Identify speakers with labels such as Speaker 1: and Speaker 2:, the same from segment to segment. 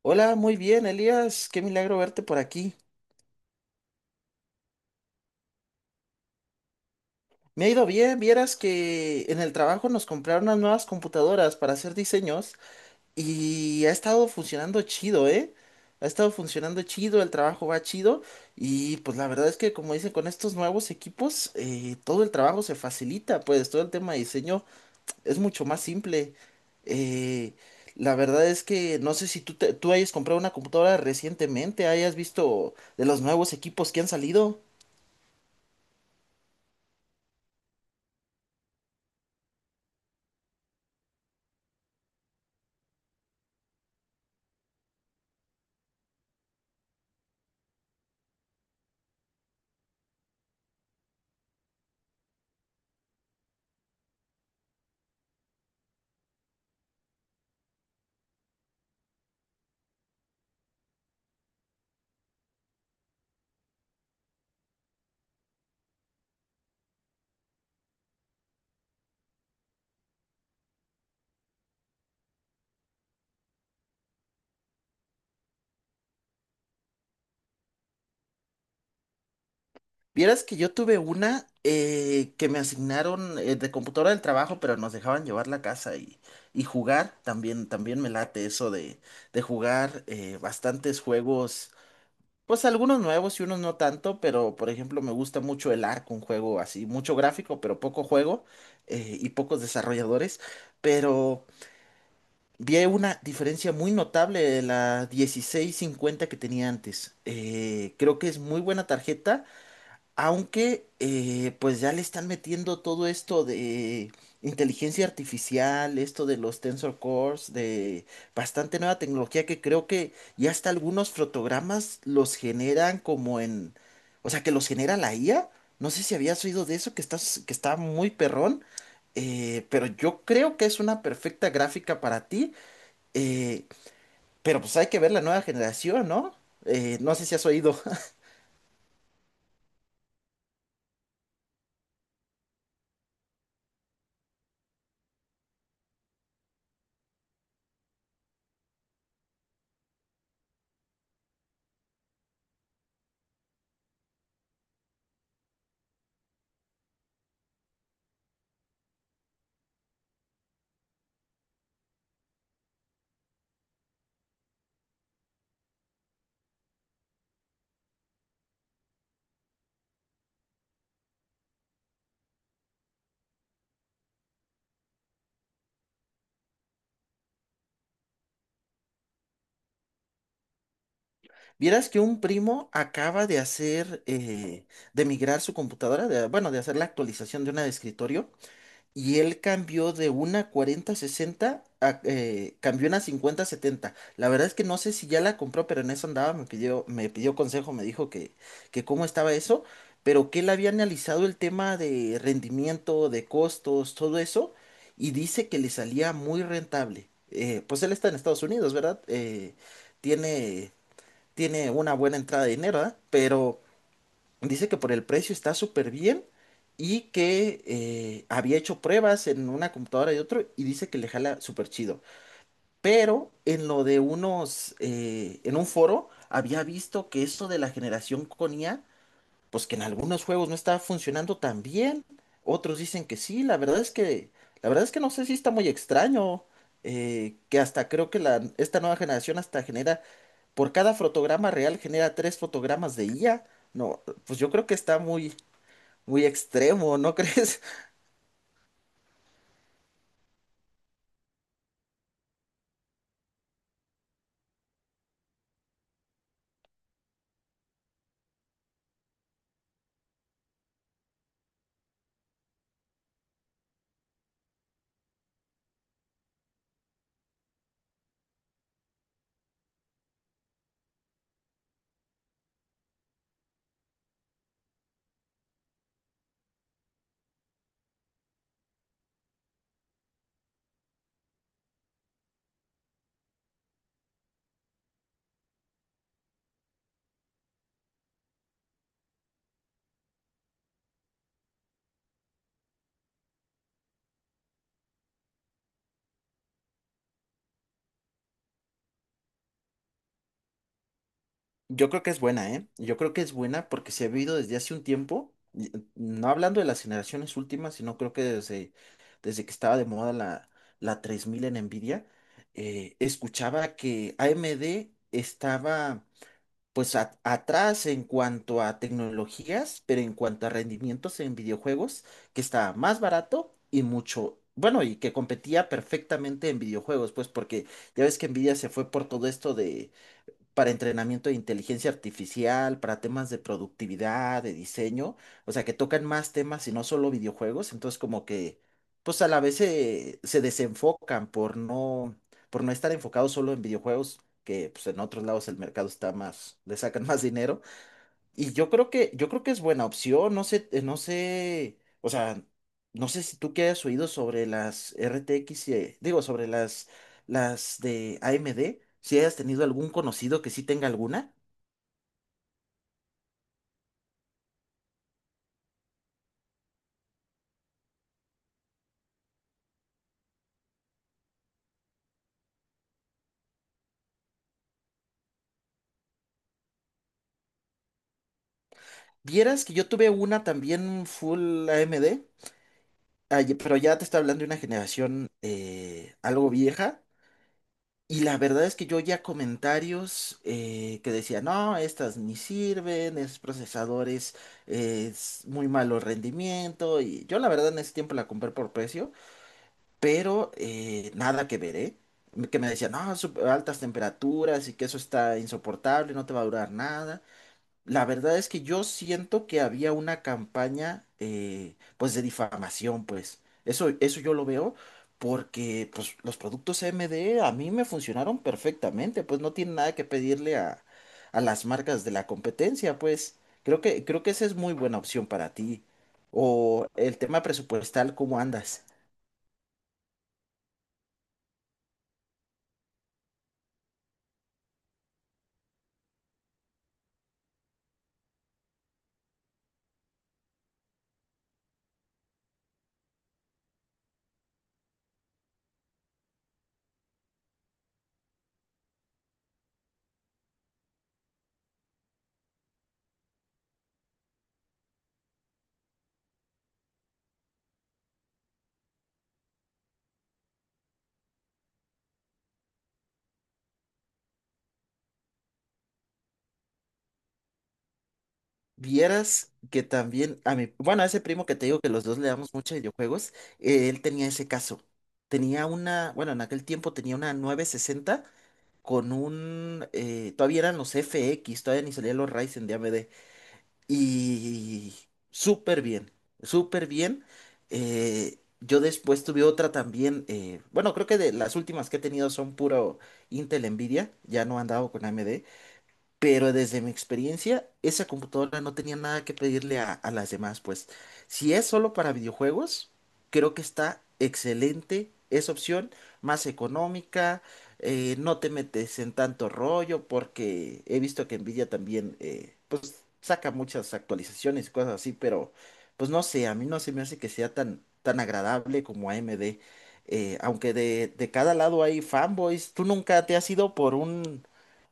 Speaker 1: Hola, muy bien, Elías. Qué milagro verte por aquí. Me ha ido bien, vieras que en el trabajo nos compraron unas nuevas computadoras para hacer diseños y ha estado funcionando chido, ¿eh? Ha estado funcionando chido, el trabajo va chido y pues la verdad es que como dicen, con estos nuevos equipos todo el trabajo se facilita, pues todo el tema de diseño es mucho más simple. Eh, la verdad es que no sé si tú, tú hayas comprado una computadora recientemente, hayas visto de los nuevos equipos que han salido. Vieras que yo tuve una que me asignaron de computadora del trabajo, pero nos dejaban llevar la casa y jugar. También, también me late eso de jugar bastantes juegos, pues algunos nuevos y unos no tanto, pero por ejemplo me gusta mucho el Ark, un juego así, mucho gráfico, pero poco juego y pocos desarrolladores. Pero vi una diferencia muy notable de la dieciséis cincuenta que tenía antes. Creo que es muy buena tarjeta aunque, pues ya le están metiendo todo esto de inteligencia artificial, esto de los Tensor Cores, de bastante nueva tecnología que creo que ya hasta algunos fotogramas los generan o sea, que los genera la IA. No sé si habías oído de eso, que que está muy perrón, pero yo creo que es una perfecta gráfica para ti, eh, pero pues hay que ver la nueva generación, ¿no? No sé si has oído. Vieras que un primo acaba de hacer, de migrar su computadora, bueno, de hacer la actualización de una de escritorio, y él cambió de una 4060 a, cambió una cincuenta setenta. La verdad es que no sé si ya la compró, pero en eso andaba, me pidió consejo, me dijo que cómo estaba eso, pero que él había analizado el tema de rendimiento, de costos, todo eso, y dice que le salía muy rentable. Pues él está en Estados Unidos, ¿verdad? Tiene tiene una buena entrada de dinero, ¿ah? Pero dice que por el precio está súper bien y que había hecho pruebas en una computadora y otro y dice que le jala súper chido. Pero en lo de unos, en un foro, había visto que eso de la generación con IA pues que en algunos juegos no está funcionando tan bien. Otros dicen que sí, la verdad es que, la verdad es que no sé si está muy extraño, que hasta creo que esta nueva generación hasta genera, por cada fotograma real genera tres fotogramas de IA. No, pues yo creo que está muy, muy extremo, ¿no crees? Yo creo que es buena, ¿eh? Yo creo que es buena porque se ha vivido desde hace un tiempo, no hablando de las generaciones últimas, sino creo que desde, desde que estaba de moda la 3000 en Nvidia, escuchaba que AMD estaba pues atrás en cuanto a tecnologías, pero en cuanto a rendimientos en videojuegos, que estaba más barato y mucho, bueno, y que competía perfectamente en videojuegos, pues porque ya ves que Nvidia se fue por todo esto para entrenamiento de inteligencia artificial, para temas de productividad, de diseño, o sea, que tocan más temas y no solo videojuegos, entonces como que, pues a la vez se desenfocan por no estar enfocados solo en videojuegos, que pues en otros lados el mercado está más, le sacan más dinero. Y yo creo que es buena opción, no sé, no sé, o sea, no sé si tú que hayas oído sobre las RTX, digo, sobre las de AMD, si hayas tenido algún conocido que sí tenga alguna. Vieras que yo tuve una también full AMD, ah, pero ya te está hablando de una generación algo vieja. Y la verdad es que yo oía comentarios que decían, no, estas ni sirven, esos procesadores es muy malo rendimiento. Y yo la verdad en ese tiempo la compré por precio, pero nada que ver, ¿eh? Que me decían, no, altas temperaturas y que eso está insoportable, no te va a durar nada. La verdad es que yo siento que había una campaña, pues, de difamación, pues. Eso yo lo veo porque, pues, los productos AMD a mí me funcionaron perfectamente, pues, no tiene nada que pedirle a las marcas de la competencia, pues. Creo que esa es muy buena opción para ti. O el tema presupuestal, ¿cómo andas? Vieras que también a mi, bueno, a ese primo que te digo que los dos le damos mucho a videojuegos, él tenía ese caso. Tenía una, bueno, en aquel tiempo tenía una nueve sesenta con un, todavía eran los FX, todavía ni salían los Ryzen de AMD. Y súper bien, súper bien. Yo después tuve otra también, bueno, creo que de las últimas que he tenido son puro Intel Nvidia, ya no han dado con AMD. Pero desde mi experiencia, esa computadora no tenía nada que pedirle a las demás, pues. Si es solo para videojuegos, creo que está excelente esa opción, más económica, no te metes en tanto rollo, porque he visto que Nvidia también, pues, saca muchas actualizaciones y cosas así, pero, pues, no sé, a mí no se me hace que sea tan, tan agradable como AMD. Aunque de cada lado hay fanboys, ¿tú nunca te has ido por un...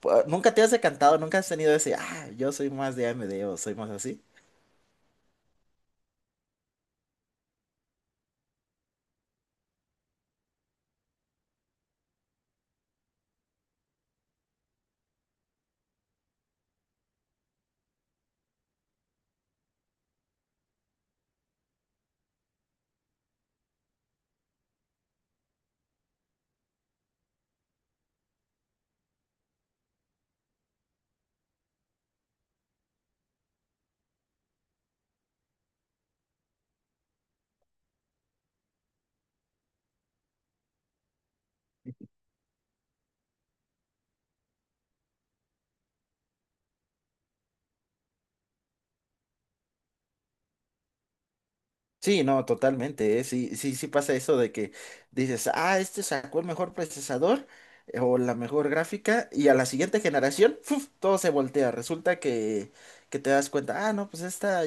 Speaker 1: ¿Nunca te has decantado? ¿Nunca has tenido ese, ah, yo soy más de AMD o soy más así? Sí, no, totalmente, ¿eh? Sí, sí, sí pasa eso de que dices, ah, este sacó el mejor procesador o la mejor gráfica y a la siguiente generación, ¡fuf! Todo se voltea. Resulta que te das cuenta, ah, no, pues esta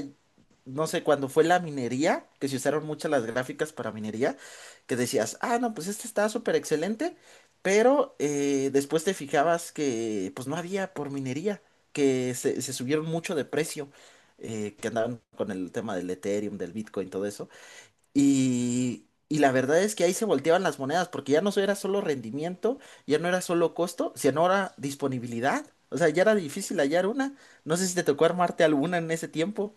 Speaker 1: no sé, cuando fue la minería, que se usaron muchas las gráficas para minería, que decías, ah, no, pues este está súper excelente, pero después te fijabas que pues no había por minería, que se subieron mucho de precio, que andaban con el tema del Ethereum, del Bitcoin, todo eso. Y la verdad es que ahí se volteaban las monedas, porque ya no era solo rendimiento, ya no era solo costo, sino era disponibilidad. O sea, ya era difícil hallar una. No sé si te tocó armarte alguna en ese tiempo.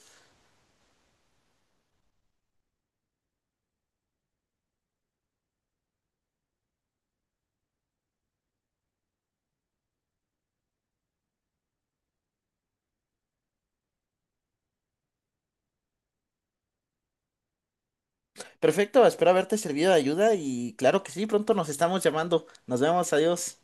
Speaker 1: Perfecto, espero haberte servido de ayuda y claro que sí, pronto nos estamos llamando. Nos vemos, adiós.